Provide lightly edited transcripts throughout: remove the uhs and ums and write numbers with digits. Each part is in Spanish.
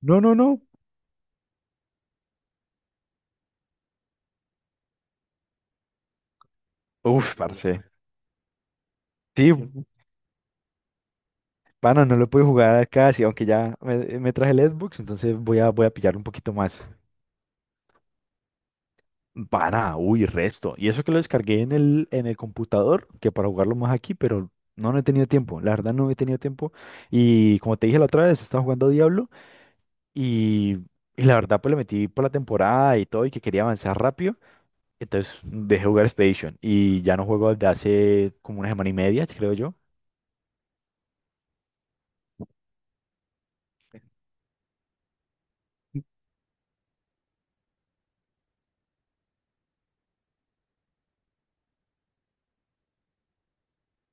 No, no, no. Uf, parce. Sí, pana, no lo puedo jugar acá, sí, aunque ya me traje el Xbox, entonces voy a pillar un poquito más. Pana, uy, resto. Y eso que lo descargué en el computador, que para jugarlo más aquí, pero no, no he tenido tiempo. La verdad no he tenido tiempo. Y como te dije la otra vez, estaba jugando Diablo y, y la verdad pues le metí por la temporada y todo y que quería avanzar rápido. Entonces dejé jugar Expedition y ya no juego desde hace como una semana y media, creo yo.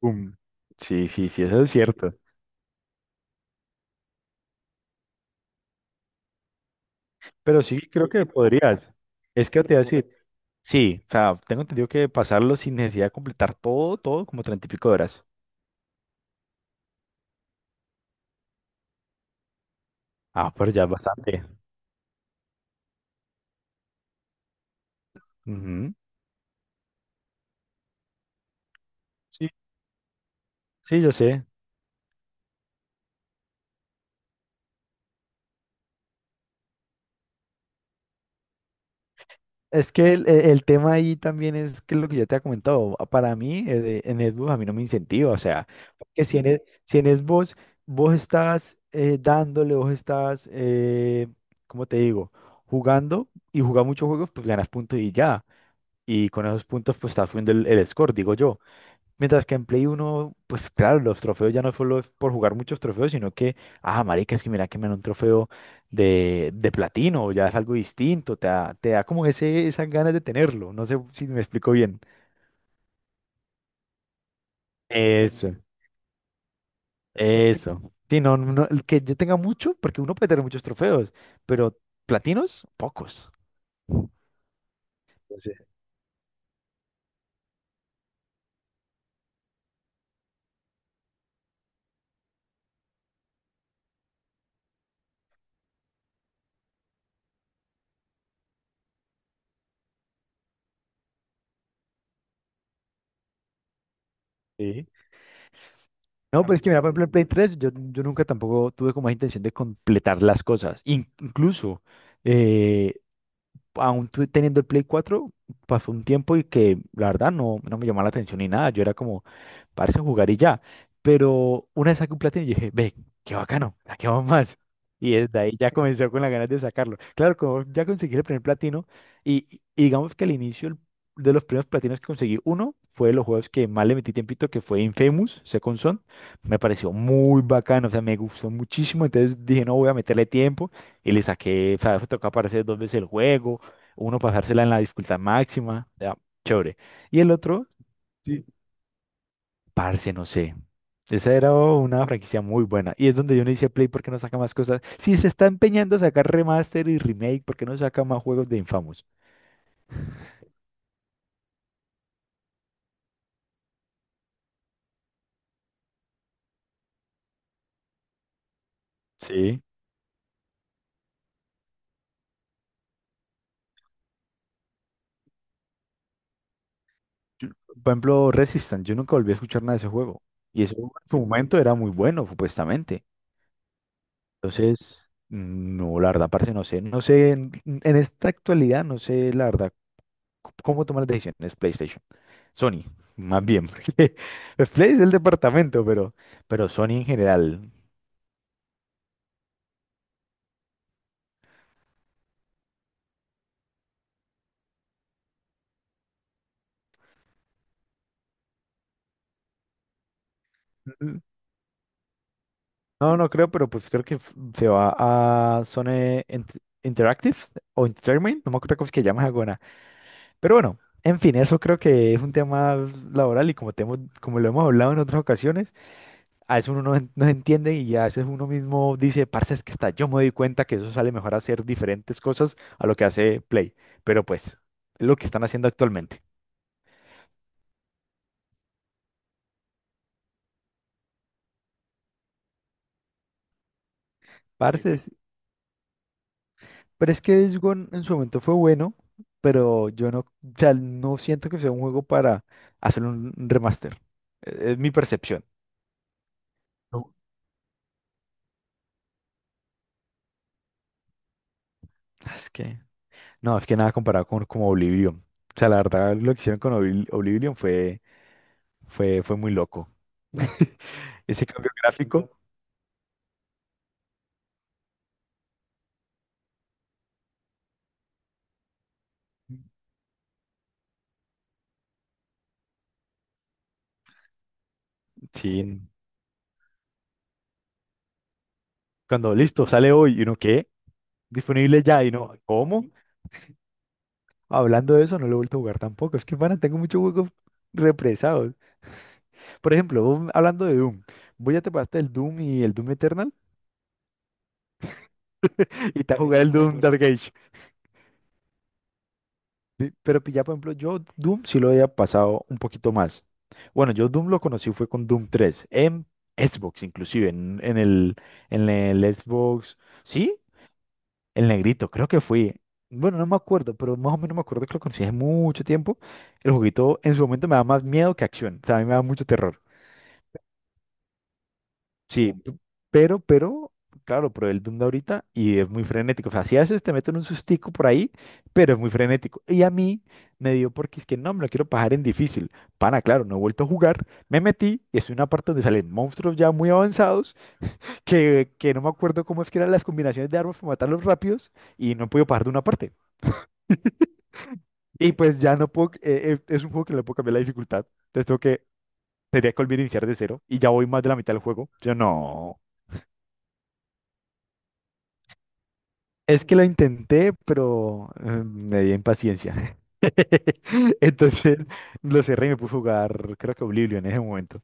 Um, Sí, sí, sí, eso es cierto. Pero sí creo que podrías. Es que te voy a decir, sí, o sea, tengo entendido que pasarlo sin necesidad de completar todo, todo, como treinta y pico de horas. Ah, pero ya es bastante. Ujú. Sí, sí, yo sé. Es que el tema ahí también es que lo que yo te he comentado, para mí en Xbox a mí no me incentiva, o sea, que si en Xbox vos estás dándole, vos estás, ¿cómo te digo? Jugando y jugar muchos juegos, pues ganas puntos y ya. Y con esos puntos, pues está subiendo el score, digo yo. Mientras que en Play uno pues claro, los trofeos ya no solo es por jugar muchos trofeos, sino que, ah, marica, es que mira que me dan un trofeo de platino, ya es algo distinto, te da como esas ganas de tenerlo. No sé si me explico bien. Eso, eso. Sí, no, no, no, el que yo tenga mucho, porque uno puede tener muchos trofeos, pero platinos, pocos. Entonces, sí. No, pues es que mira, por ejemplo, en Play 3 yo nunca tampoco tuve como esa intención de completar las cosas. Incluso, eh, aún teniendo el Play 4, pasó un tiempo y que la verdad no, no me llamaba la atención ni nada. Yo era como, parece jugar y ya. Pero una vez saqué un platino y dije, ve, qué bacano, saquemos más. Y desde ahí ya comenzó con las ganas de sacarlo. Claro, como ya conseguí el primer platino y digamos que al inicio de los primeros platinos que conseguí, uno fue de los juegos que más le metí tiempito, que fue Infamous, Second Son. Me pareció muy bacano, o sea, me gustó muchísimo. Entonces dije, no, voy a meterle tiempo y le saqué, o sea, fue tocar aparecer dos veces el juego. Uno pasársela en la dificultad máxima, ya, chévere. Y el otro, sí. Parce, no sé. Esa era una franquicia muy buena. Y es donde yo no hice Play porque no saca más cosas. Si se está empeñando a sacar remaster y remake, ¿por qué no saca más juegos de Infamous? Sí. Yo- Por ejemplo, Resistance. Yo nunca volví a escuchar nada de ese juego. Y eso en su momento era muy bueno, supuestamente. Entonces, no, la verdad, parce, no sé. No sé, en esta actualidad, no sé, la verdad, cómo tomar las decisiones PlayStation. Sony, más bien, porque Play es el departamento, pero Sony en general. Ujú. No, no creo, pero pues creo que se va a Interactive o Entertainment, no me acuerdo cómo es que llamas alguna. Pero bueno, en fin, eso creo que es un tema laboral y como, como lo hemos hablado en otras ocasiones, a veces uno no, no entiende y a veces uno mismo dice, parce, es que está, yo me doy cuenta que eso sale mejor hacer diferentes cosas a lo que hace Play. Pero pues, es lo que están haciendo actualmente. Parce, pero es que Days Gone en su momento fue bueno, pero yo no, o sea, no siento que sea un juego para hacer un remaster. Es mi percepción. No. Es que, no, es que nada comparado con como Oblivion. O sea, la verdad, lo que hicieron con Oblivion fue, fue muy loco. Ese cambio gráfico, sí, cuando listo, sale hoy y uno, ¿qué? Disponible ya y no, ¿cómo? Hablando de eso, no lo he vuelto a jugar tampoco. Es que, pana, tengo muchos juegos represados. Por ejemplo, vos hablando de Doom, ¿voy ya te pasaste el Doom y el Doom Eternal y te vas a jugar el Doom Dark Age? ¿Sí? Pero ya, por ejemplo, yo Doom sí lo había pasado un poquito más. Bueno, yo Doom lo conocí fue con Doom 3, en Xbox inclusive, en el Xbox, ¿sí? El negrito, creo que fui. Bueno, no me acuerdo, pero más o menos me acuerdo que lo conocí hace mucho tiempo. El juguito en su momento me da más miedo que acción, o sea, a mí me da mucho terror. Sí, pero, claro, probé el Doom de ahorita y es muy frenético. O sea, si a veces te meten un sustico por ahí, pero es muy frenético. Y a mí me dio porque es que no, me lo quiero pasar en difícil. Pana, claro, no he vuelto a jugar. Me metí y es una parte donde salen monstruos ya muy avanzados que no me acuerdo cómo es que eran las combinaciones de armas para matarlos rápidos y no he podido pasar de una parte. Y pues ya no puedo, es un juego que no le puedo cambiar la dificultad. Entonces tengo que, tendría que volver a iniciar de cero y ya voy más de la mitad del juego. Yo no. Es que lo intenté, pero me di impaciencia. Entonces lo cerré y me puse a jugar, creo que Oblivion en ese momento.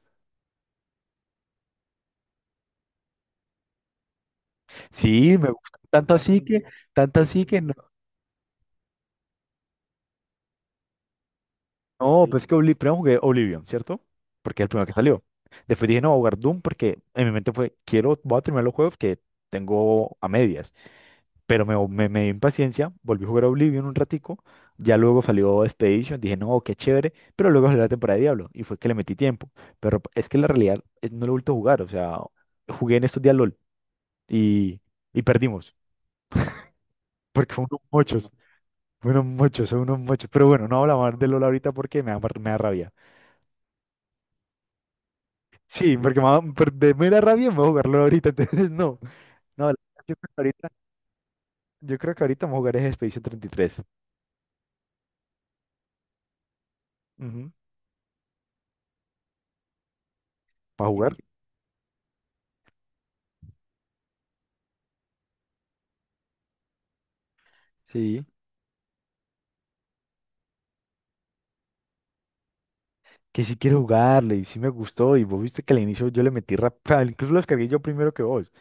Sí, me gusta. Tanto Ah, así que, tanto así que no, no, sí. Pues que primero jugué Oblivion, ¿cierto? Porque es el primero que salió. Después dije, no, voy a jugar Doom porque en mi mente fue, quiero, voy a terminar los juegos que tengo a medias. Pero me dio impaciencia, volví a jugar Oblivion un ratico, ya luego salió Expedition, dije, no, qué chévere, pero luego salió la temporada de Diablo y fue que le metí tiempo. Pero es que la realidad no lo he vuelto a jugar, o sea, jugué en estos días LOL y, y perdimos, porque fueron unos mochos, son unos mochos. Pero bueno, no hablamos más de LOL ahorita porque me da, me da rabia. Sí, porque me da, de mera rabia me voy a jugar LOL ahorita, entonces no, no, creo que ahorita, yo creo que ahorita vamos a jugar es Expedition 33. Ujú, ¿para jugar? Sí, que sí quiero jugarle y sí me gustó y vos viste que al inicio yo le metí rap, incluso lo descargué yo primero que vos.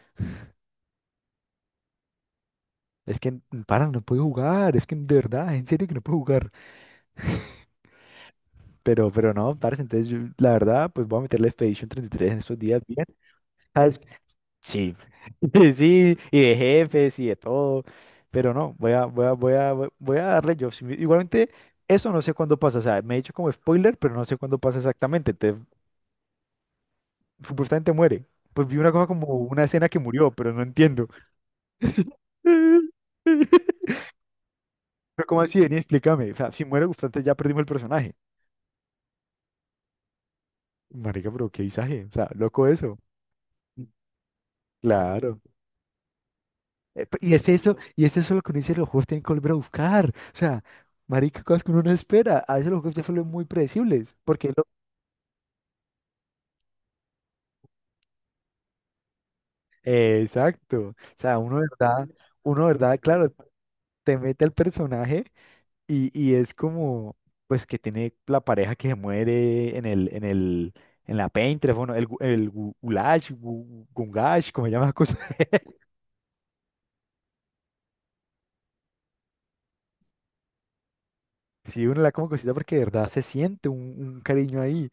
Es que, mm, para, no puedo jugar, es que de verdad, en serio que no puedo jugar. Pero no, parce, entonces yo, la verdad, pues voy a meterle Expedition 33 en estos días bien. ¿Sabes? Sí, sí, y de jefes y de todo. Pero no, voy a darle yo. Igualmente, eso no sé cuándo pasa. O sea, me he dicho como spoiler, pero no sé cuándo pasa exactamente. Entonces, supuestamente muere. Pues vi una cosa como una escena que murió, pero no entiendo. Pero ¿cómo así? Vení, explícame. O sea, si muere Gustante ya perdimos el personaje. Marica, pero qué visaje. O sea, loco eso. Claro. Y es eso lo que uno dice, los juegos tienen que volver a buscar. O sea, marica, cosas que uno no espera. A veces los juegos ya se vuelven muy predecibles. Exacto. O sea, uno de verdad, claro, te mete al personaje y es como, pues, que tiene la pareja que se muere en la Painterest, bueno, Gulash, Gungash, como se llama la cosa. Sí, uno la como cosita porque de verdad se siente un cariño ahí.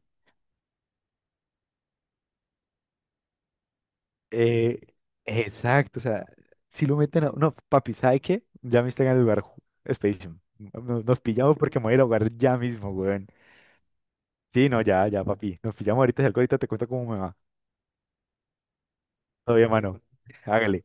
Eh, exacto, o sea, si lo meten a... No, papi, ¿sabe qué? Ya me están en el lugar Expedition. Nos pillamos porque me voy a ir a jugar ya mismo, weón. Sí, no, ya, ya, papi. Nos pillamos ahorita, si algo ahorita te cuento cómo me va. Todavía, mano. Hágale.